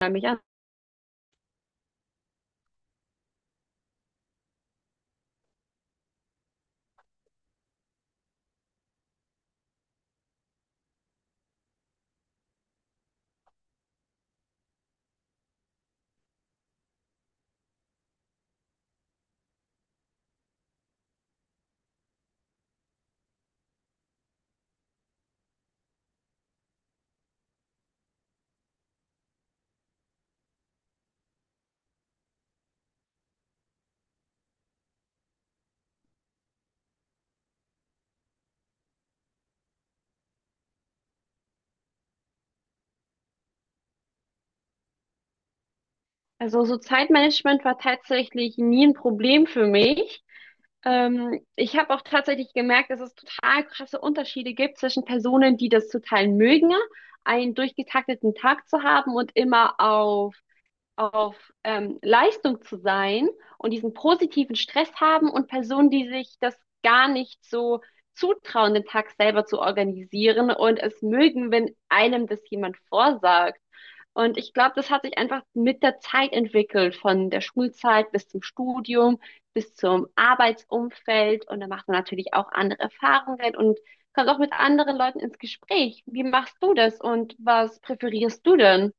Mal mich an. Also so Zeitmanagement war tatsächlich nie ein Problem für mich. Ich habe auch tatsächlich gemerkt, dass es total krasse Unterschiede gibt zwischen Personen, die das total mögen, einen durchgetakteten Tag zu haben und immer auf Leistung zu sein und diesen positiven Stress haben, und Personen, die sich das gar nicht so zutrauen, den Tag selber zu organisieren und es mögen, wenn einem das jemand vorsagt. Und ich glaube, das hat sich einfach mit der Zeit entwickelt, von der Schulzeit bis zum Studium, bis zum Arbeitsumfeld. Und da macht man natürlich auch andere Erfahrungen und kommt auch mit anderen Leuten ins Gespräch. Wie machst du das, und was präferierst du denn?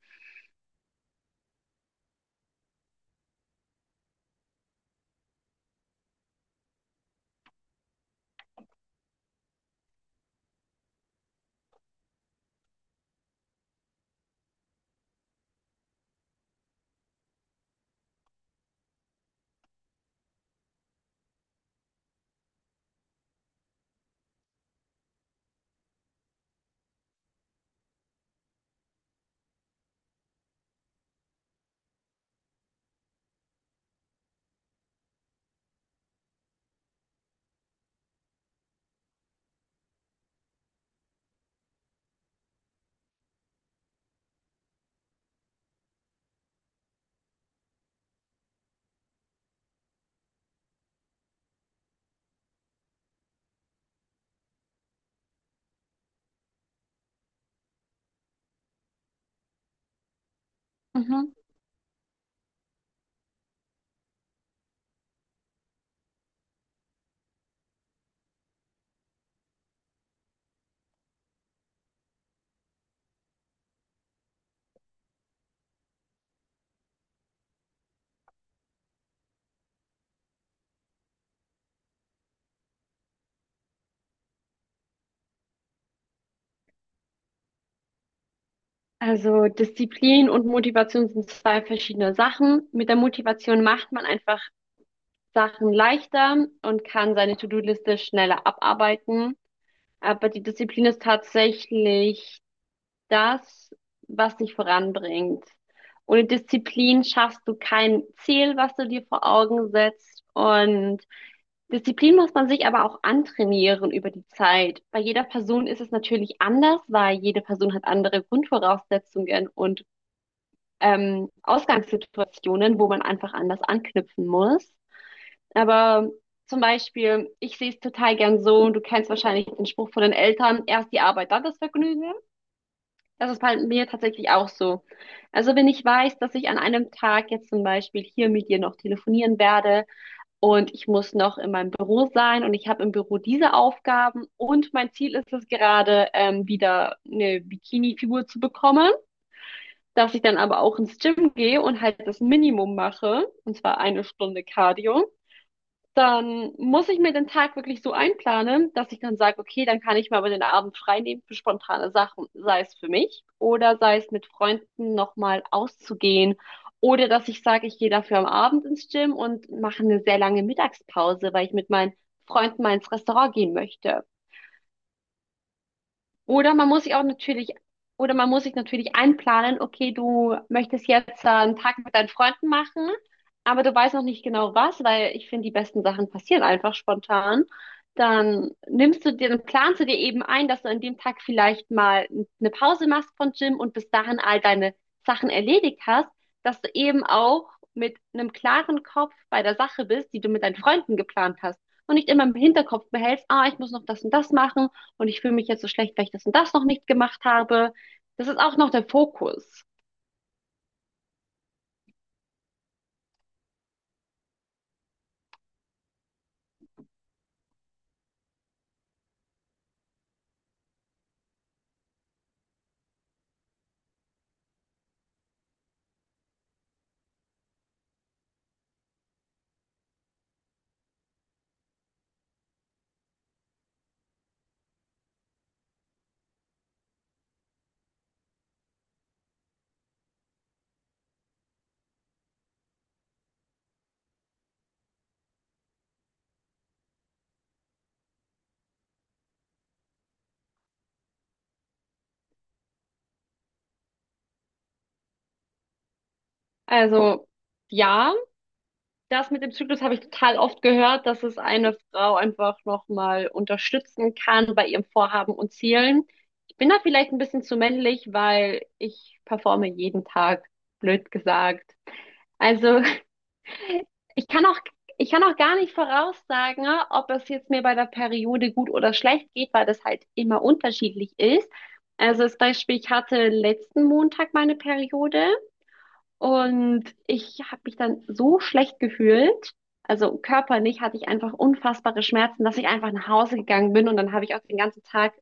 Mhm. Also Disziplin und Motivation sind zwei verschiedene Sachen. Mit der Motivation macht man einfach Sachen leichter und kann seine To-Do-Liste schneller abarbeiten. Aber die Disziplin ist tatsächlich das, was dich voranbringt. Ohne Disziplin schaffst du kein Ziel, was du dir vor Augen setzt. Und Disziplin muss man sich aber auch antrainieren über die Zeit. Bei jeder Person ist es natürlich anders, weil jede Person hat andere Grundvoraussetzungen und Ausgangssituationen, wo man einfach anders anknüpfen muss. Aber zum Beispiel, ich sehe es total gern so, und du kennst wahrscheinlich den Spruch von den Eltern: erst die Arbeit, dann das Vergnügen. Das ist bei mir tatsächlich auch so. Also wenn ich weiß, dass ich an einem Tag jetzt zum Beispiel hier mit dir noch telefonieren werde und ich muss noch in meinem Büro sein und ich habe im Büro diese Aufgaben und mein Ziel ist es gerade, wieder eine Bikini-Figur zu bekommen, dass ich dann aber auch ins Gym gehe und halt das Minimum mache, und zwar eine Stunde Cardio, dann muss ich mir den Tag wirklich so einplanen, dass ich dann sage, okay, dann kann ich mir aber den Abend frei nehmen für spontane Sachen, sei es für mich oder sei es mit Freunden nochmal auszugehen. Oder dass ich sage, ich gehe dafür am Abend ins Gym und mache eine sehr lange Mittagspause, weil ich mit meinen Freunden mal ins Restaurant gehen möchte. Oder man muss sich auch natürlich, oder man muss sich natürlich einplanen, okay, du möchtest jetzt einen Tag mit deinen Freunden machen, aber du weißt noch nicht genau was, weil ich finde, die besten Sachen passieren einfach spontan. Dann planst du dir eben ein, dass du an dem Tag vielleicht mal eine Pause machst vom Gym und bis dahin all deine Sachen erledigt hast, dass du eben auch mit einem klaren Kopf bei der Sache bist, die du mit deinen Freunden geplant hast und nicht immer im Hinterkopf behältst: ah, ich muss noch das und das machen und ich fühle mich jetzt so schlecht, weil ich das und das noch nicht gemacht habe. Das ist auch noch der Fokus. Also ja, das mit dem Zyklus habe ich total oft gehört, dass es eine Frau einfach nochmal unterstützen kann bei ihrem Vorhaben und Zielen. Ich bin da vielleicht ein bisschen zu männlich, weil ich performe jeden Tag, blöd gesagt. Also Ich kann auch, ich kann auch gar nicht voraussagen, ne, ob es jetzt mir bei der Periode gut oder schlecht geht, weil das halt immer unterschiedlich ist. Also das Beispiel: ich hatte letzten Montag meine Periode und ich habe mich dann so schlecht gefühlt, also körperlich hatte ich einfach unfassbare Schmerzen, dass ich einfach nach Hause gegangen bin und dann habe ich auch den ganzen Tag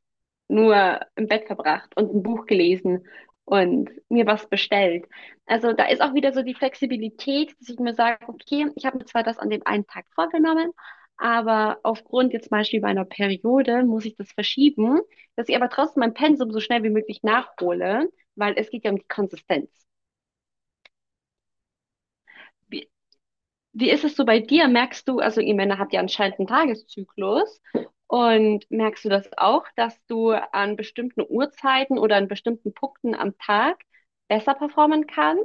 nur im Bett verbracht und ein Buch gelesen und mir was bestellt. Also da ist auch wieder so die Flexibilität, dass ich mir sage, okay, ich habe mir zwar das an dem einen Tag vorgenommen, aber aufgrund jetzt zum Beispiel meiner Periode muss ich das verschieben, dass ich aber trotzdem mein Pensum so schnell wie möglich nachhole, weil es geht ja um die Konsistenz. Wie ist es so bei dir? Merkst du, also ihr Männer habt ja anscheinend einen Tageszyklus, und merkst du das auch, dass du an bestimmten Uhrzeiten oder an bestimmten Punkten am Tag besser performen kannst?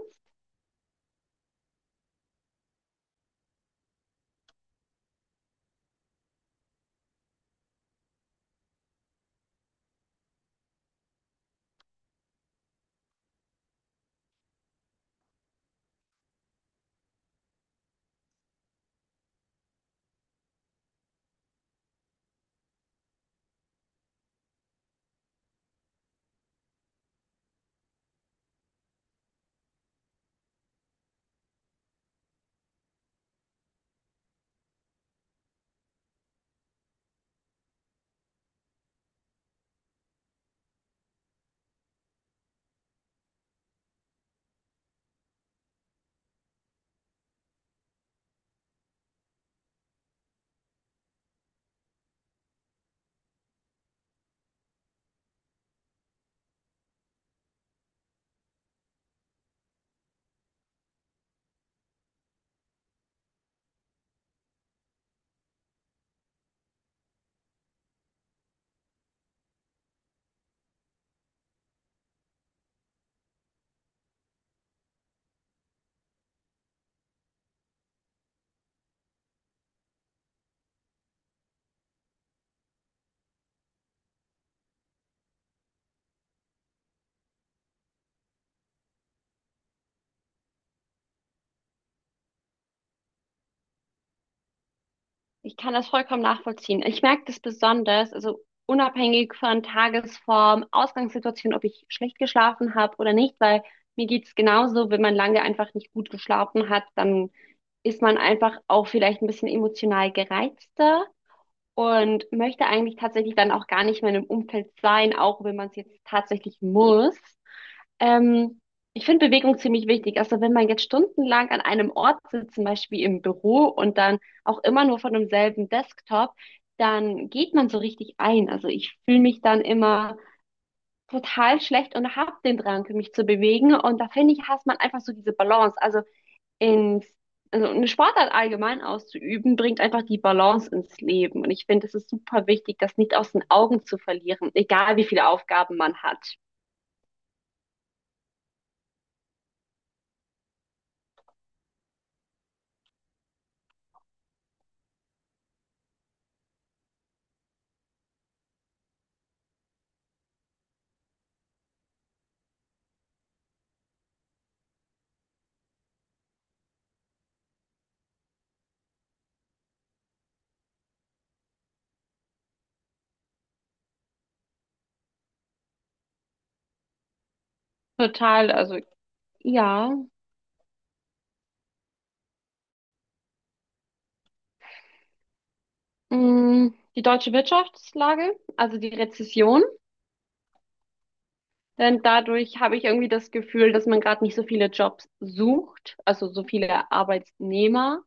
Ich kann das vollkommen nachvollziehen. Ich merke das besonders, also unabhängig von Tagesform, Ausgangssituation, ob ich schlecht geschlafen habe oder nicht, weil mir geht's genauso. Wenn man lange einfach nicht gut geschlafen hat, dann ist man einfach auch vielleicht ein bisschen emotional gereizter und möchte eigentlich tatsächlich dann auch gar nicht mehr in einem Umfeld sein, auch wenn man es jetzt tatsächlich muss. Ähm, Ich finde Bewegung ziemlich wichtig. Also wenn man jetzt stundenlang an einem Ort sitzt, zum Beispiel im Büro, und dann auch immer nur von demselben Desktop, dann geht man so richtig ein. Also ich fühle mich dann immer total schlecht und habe den Drang, mich zu bewegen. Und da finde ich, hasst man einfach so diese Balance. Ins, also eine Sportart allgemein auszuüben, bringt einfach die Balance ins Leben. Und ich finde, es ist super wichtig, das nicht aus den Augen zu verlieren, egal wie viele Aufgaben man hat. Total, also ja. Mm, die deutsche Wirtschaftslage, also die Rezession, denn dadurch habe ich irgendwie das Gefühl, dass man gerade nicht so viele Jobs sucht, also so viele Arbeitnehmer.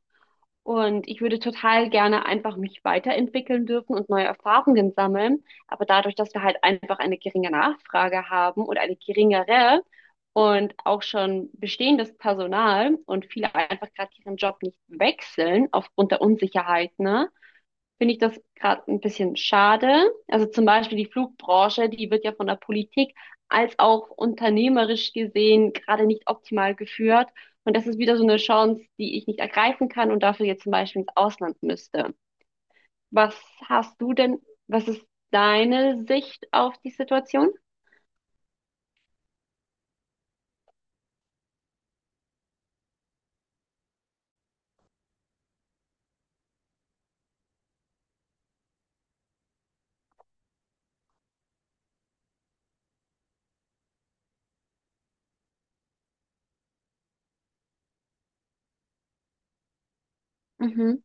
Und ich würde total gerne einfach mich weiterentwickeln dürfen und neue Erfahrungen sammeln. Aber dadurch, dass wir halt einfach eine geringe Nachfrage haben und eine geringere und auch schon bestehendes Personal, und viele einfach gerade ihren Job nicht wechseln aufgrund der Unsicherheit, ne, finde ich das gerade ein bisschen schade. Also zum Beispiel die Flugbranche, die wird ja von der Politik als auch unternehmerisch gesehen gerade nicht optimal geführt. Und das ist wieder so eine Chance, die ich nicht ergreifen kann und dafür jetzt zum Beispiel ins Ausland müsste. Was hast du denn, was ist deine Sicht auf die Situation? Mhm.